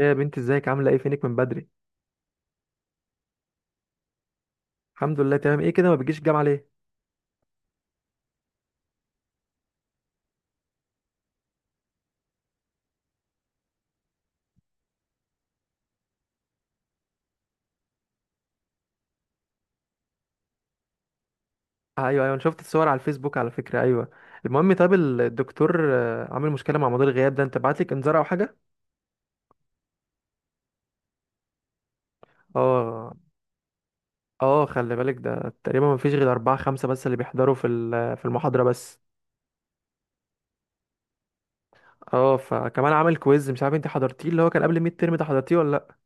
ايه يا بنتي، ازيك؟ عامله ايه؟ فينك من بدري؟ الحمد لله تمام. ايه كده، ما بتجيش الجامعه ليه؟ آه ايوه ايوه، انا شفت الصور على الفيسبوك على فكره، ايوه. المهم، طب الدكتور عامل مشكله مع موضوع الغياب ده، انت بعت لك انذار او حاجه؟ اه اه، خلي بالك ده تقريبا ما فيش غير اربعة خمسة بس اللي بيحضروا في المحاضره بس. اه، فكمان عامل كويز مش عارف انت حضرتيه، اللي هو كان قبل الميد ترم ده، حضرتيه ولا لا؟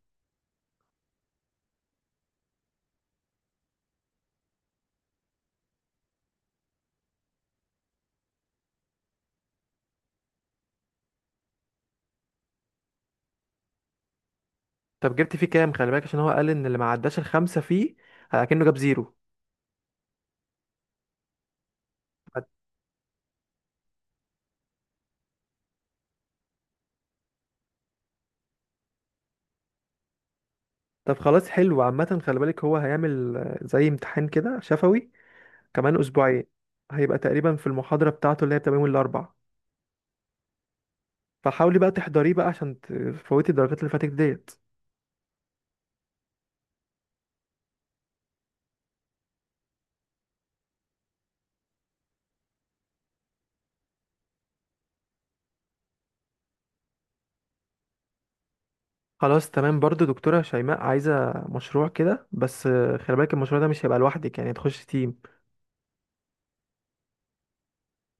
طب جبت فيه كام؟ خلي بالك عشان هو قال ان اللي ما عداش الخمسه فيه كأنه جاب زيرو. طب خلاص، حلو. عامة خلي بالك هو هيعمل زي امتحان كده شفوي كمان اسبوعين. هيبقى تقريبا في المحاضرة بتاعته اللي هي بتبقى يوم الاربعاء، فحاولي بقى تحضريه بقى عشان تفوتي الدرجات اللي فاتت ديت. خلاص تمام. برضو دكتورة شيماء عايزة مشروع كده، بس خلي بالك المشروع ده مش هيبقى لوحدك، يعني تخش تيم.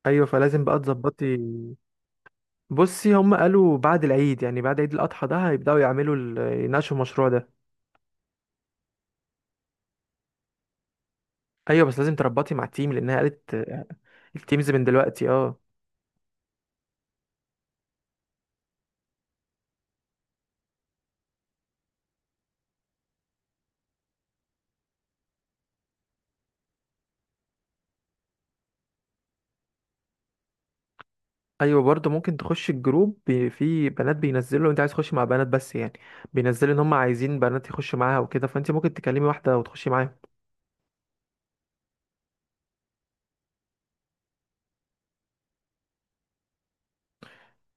ايوه فلازم بقى تظبطي. بصي هم قالوا بعد العيد يعني بعد عيد الاضحى ده هيبداوا يعملوا يناقشوا المشروع ده. ايوه بس لازم تربطي مع التيم، لانها قالت التيمز من دلوقتي، اه. ايوه برضه ممكن تخش الجروب في بنات بينزلوا، لو انت عايز تخش مع بنات بس يعني بينزلوا، ان هم عايزين بنات يخشوا معاها وكده، فانت ممكن تكلمي واحده وتخشي معاها.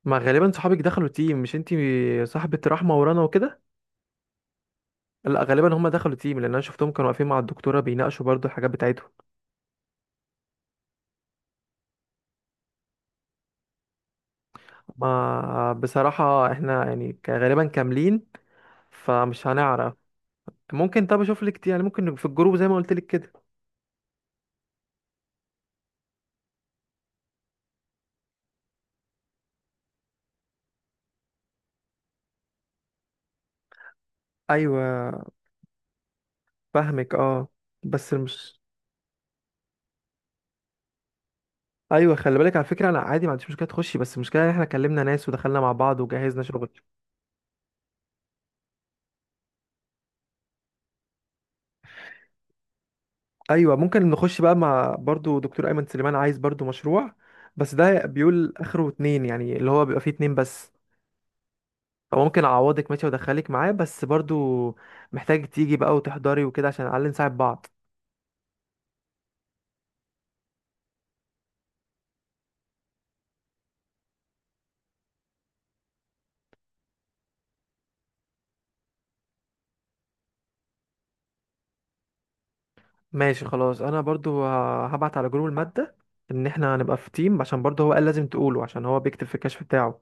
ما غالبا صحابك دخلوا تيم مش انت، صاحبه رحمه ورانا وكده. لا غالبا هم دخلوا تيم، لان انا شفتهم كانوا واقفين مع الدكتوره بيناقشوا برضه الحاجات بتاعتهم. ما بصراحه احنا يعني غالبا كاملين، فمش هنعرف. ممكن، طب اشوف لك يعني، ممكن في الجروب زي ما قلت لك كده. ايوه فاهمك، اه. بس مش، ايوه خلي بالك على فكره، انا عادي ما عنديش مشكله تخشي، بس المشكله ان احنا كلمنا ناس ودخلنا مع بعض وجهزنا شغل. ايوه ممكن نخش بقى مع، برضو دكتور ايمن سليمان عايز برضو مشروع، بس ده بيقول اخره اتنين، يعني اللي هو بيبقى فيه اتنين بس. فممكن اعوضك ماشي وادخلك معاه، بس برضو محتاج تيجي بقى وتحضري وكده عشان على الأقل نساعد بعض. ماشي خلاص. انا برضو هبعت على جروب الماده ان احنا هنبقى في تيم، عشان برضو هو قال لازم تقوله عشان هو بيكتب في الكشف بتاعه.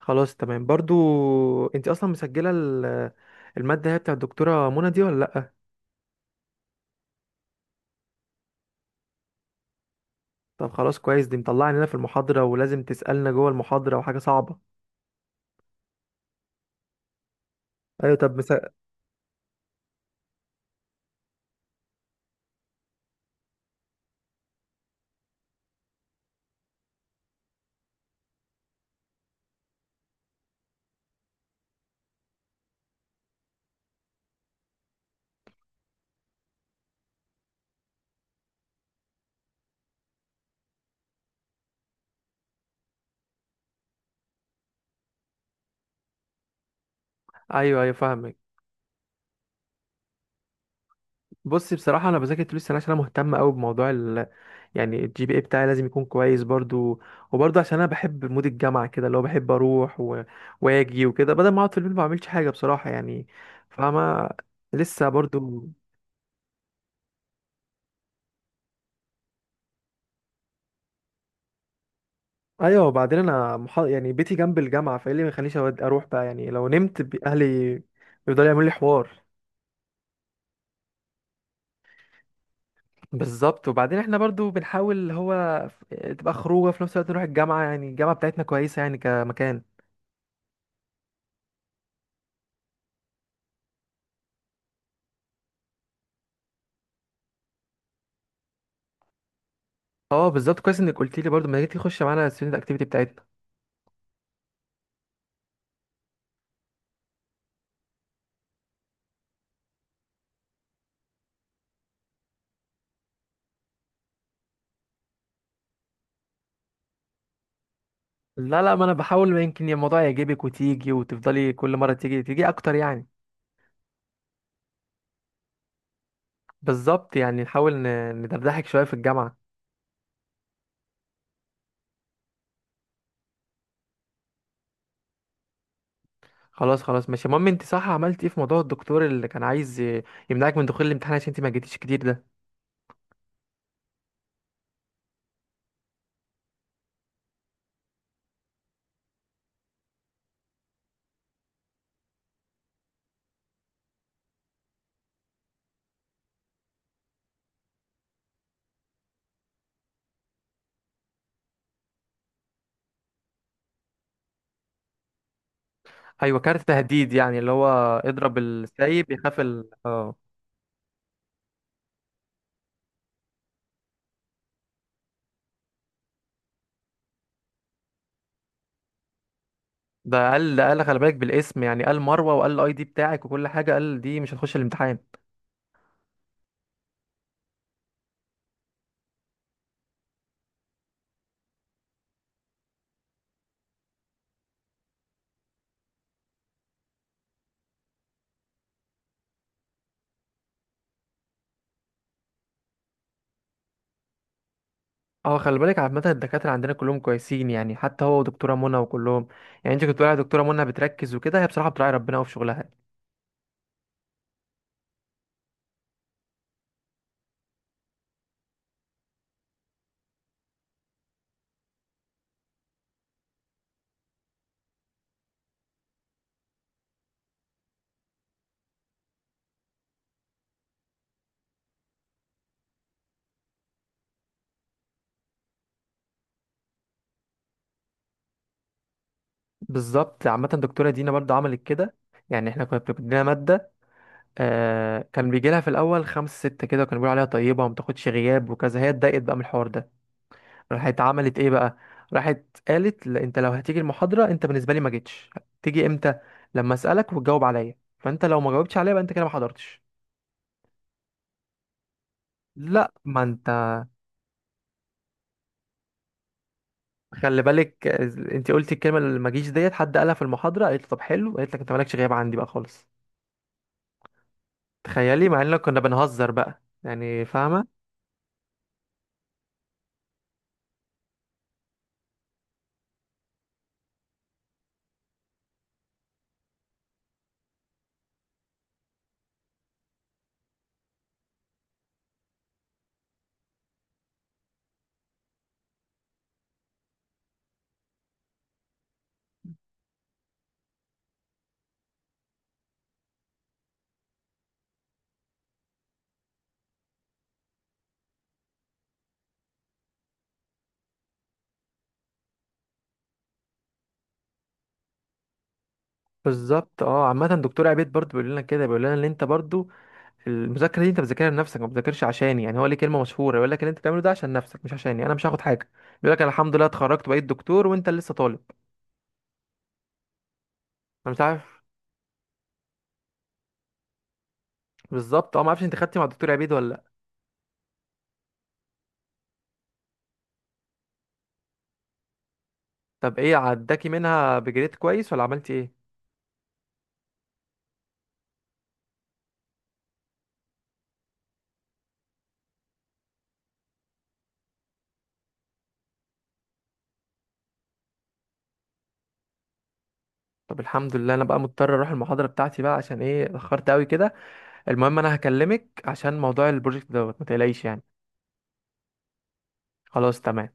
خلاص تمام. برضو انت اصلا مسجله الماده، هي بتاع الدكتوره منى دي ولا لا؟ طب خلاص كويس، دي مطلعني لنا في المحاضره، ولازم تسالنا جوه المحاضره، وحاجه صعبه. ايوه طب ايوه ايوه فاهمك. بصي بصراحه انا بذاكر طول السنه، عشان انا مهتم قوي بموضوع يعني الجي بي اي بتاعي لازم يكون كويس برضو. وبرضو عشان انا بحب مود الجامعه كده، اللي هو بحب اروح واجي وكده، بدل ما اقعد في البيت ما بعملش حاجه بصراحه يعني. فاهمه؟ لسه برضو. ايوه وبعدين انا يعني بيتي جنب الجامعه، فايه اللي ما يخلينيش اروح بقى؟ يعني لو نمت، اهلي بيفضلوا يعملوا لي حوار. بالظبط، وبعدين احنا برضو بنحاول اللي هو تبقى خروجه في نفس الوقت نروح الجامعه، يعني الجامعه بتاعتنا كويسه يعني كمكان. اه بالظبط، كويس انك قلت لي. برضو ما تيجي تخش معانا الستودنت اكتيفيتي بتاعتنا. لا لا، ما انا بحاول ما يمكن الموضوع يعجبك وتيجي وتفضلي كل مره تيجي تيجي اكتر يعني. بالظبط، يعني نحاول ندردحك شويه في الجامعه. خلاص خلاص ماشي. المهم انت صح، عملت ايه في موضوع الدكتور اللي كان عايز يمنعك من دخول الامتحان عشان انت ما جيتيش كتير ده؟ ايوه كارت تهديد يعني، اللي هو اضرب السايب يخاف ال، اه. ده قال خلي بالك بالاسم يعني، قال مروه وقال الاي دي بتاعك وكل حاجه، قال دي مش هتخش الامتحان. اه خلي بالك، عامه الدكاتره عندنا كلهم كويسين يعني، حتى هو ودكتوره منى وكلهم. يعني انت كنت بتقولي على دكتوره منى بتركز وكده، هي بصراحه بتراعي ربنا قوي في شغلها. بالظبط، عامه الدكتوره دينا برضه عملت كده، يعني احنا كنا بتدينا ماده. آه كان بيجي لها في الاول خمس ست كده، وكانوا بيقولوا عليها طيبه وما بتاخدش غياب وكذا، هي اتضايقت بقى من الحوار ده. راحت عملت ايه بقى؟ راحت قالت، لا، انت لو هتيجي المحاضره انت بالنسبه لي ما جيتش. تيجي امتى؟ لما اسالك وتجاوب عليا، فانت لو ما جاوبتش عليا بقى انت كده ما حضرتش. لا ما انت، خلي بالك انت قلتي الكلمه اللي ما جيش ديت، حد قالها في المحاضره، قالت له طب حلو، قالت لك انت مالكش غياب عندي بقى خالص. تخيلي، مع اننا كنا بنهزر بقى يعني، فاهمه؟ بالظبط اه. عامة دكتور عبيد برضو بيقول لنا كده، بيقول لنا ان انت برضو المذاكره دي انت بتذاكرها لنفسك، ما بتذاكرش عشاني، يعني هو ليه كلمه مشهوره يقول لك اللي انت بتعمله ده عشان نفسك مش عشاني، انا مش هاخد حاجه. بيقول لك أنا الحمد لله اتخرجت بقيت دكتور وانت لسه طالب. انا مش عارف، بالظبط اه. ما اعرفش انت خدتي مع الدكتور عبيد ولا لا؟ طب ايه عداكي منها، بجريد كويس ولا عملتي ايه؟ طب الحمد لله. انا بقى مضطر اروح المحاضره بتاعتي بقى، عشان ايه اتاخرت قوي كده. المهم انا هكلمك عشان موضوع البروجكت دوت، ما تقلقيش يعني. خلاص تمام.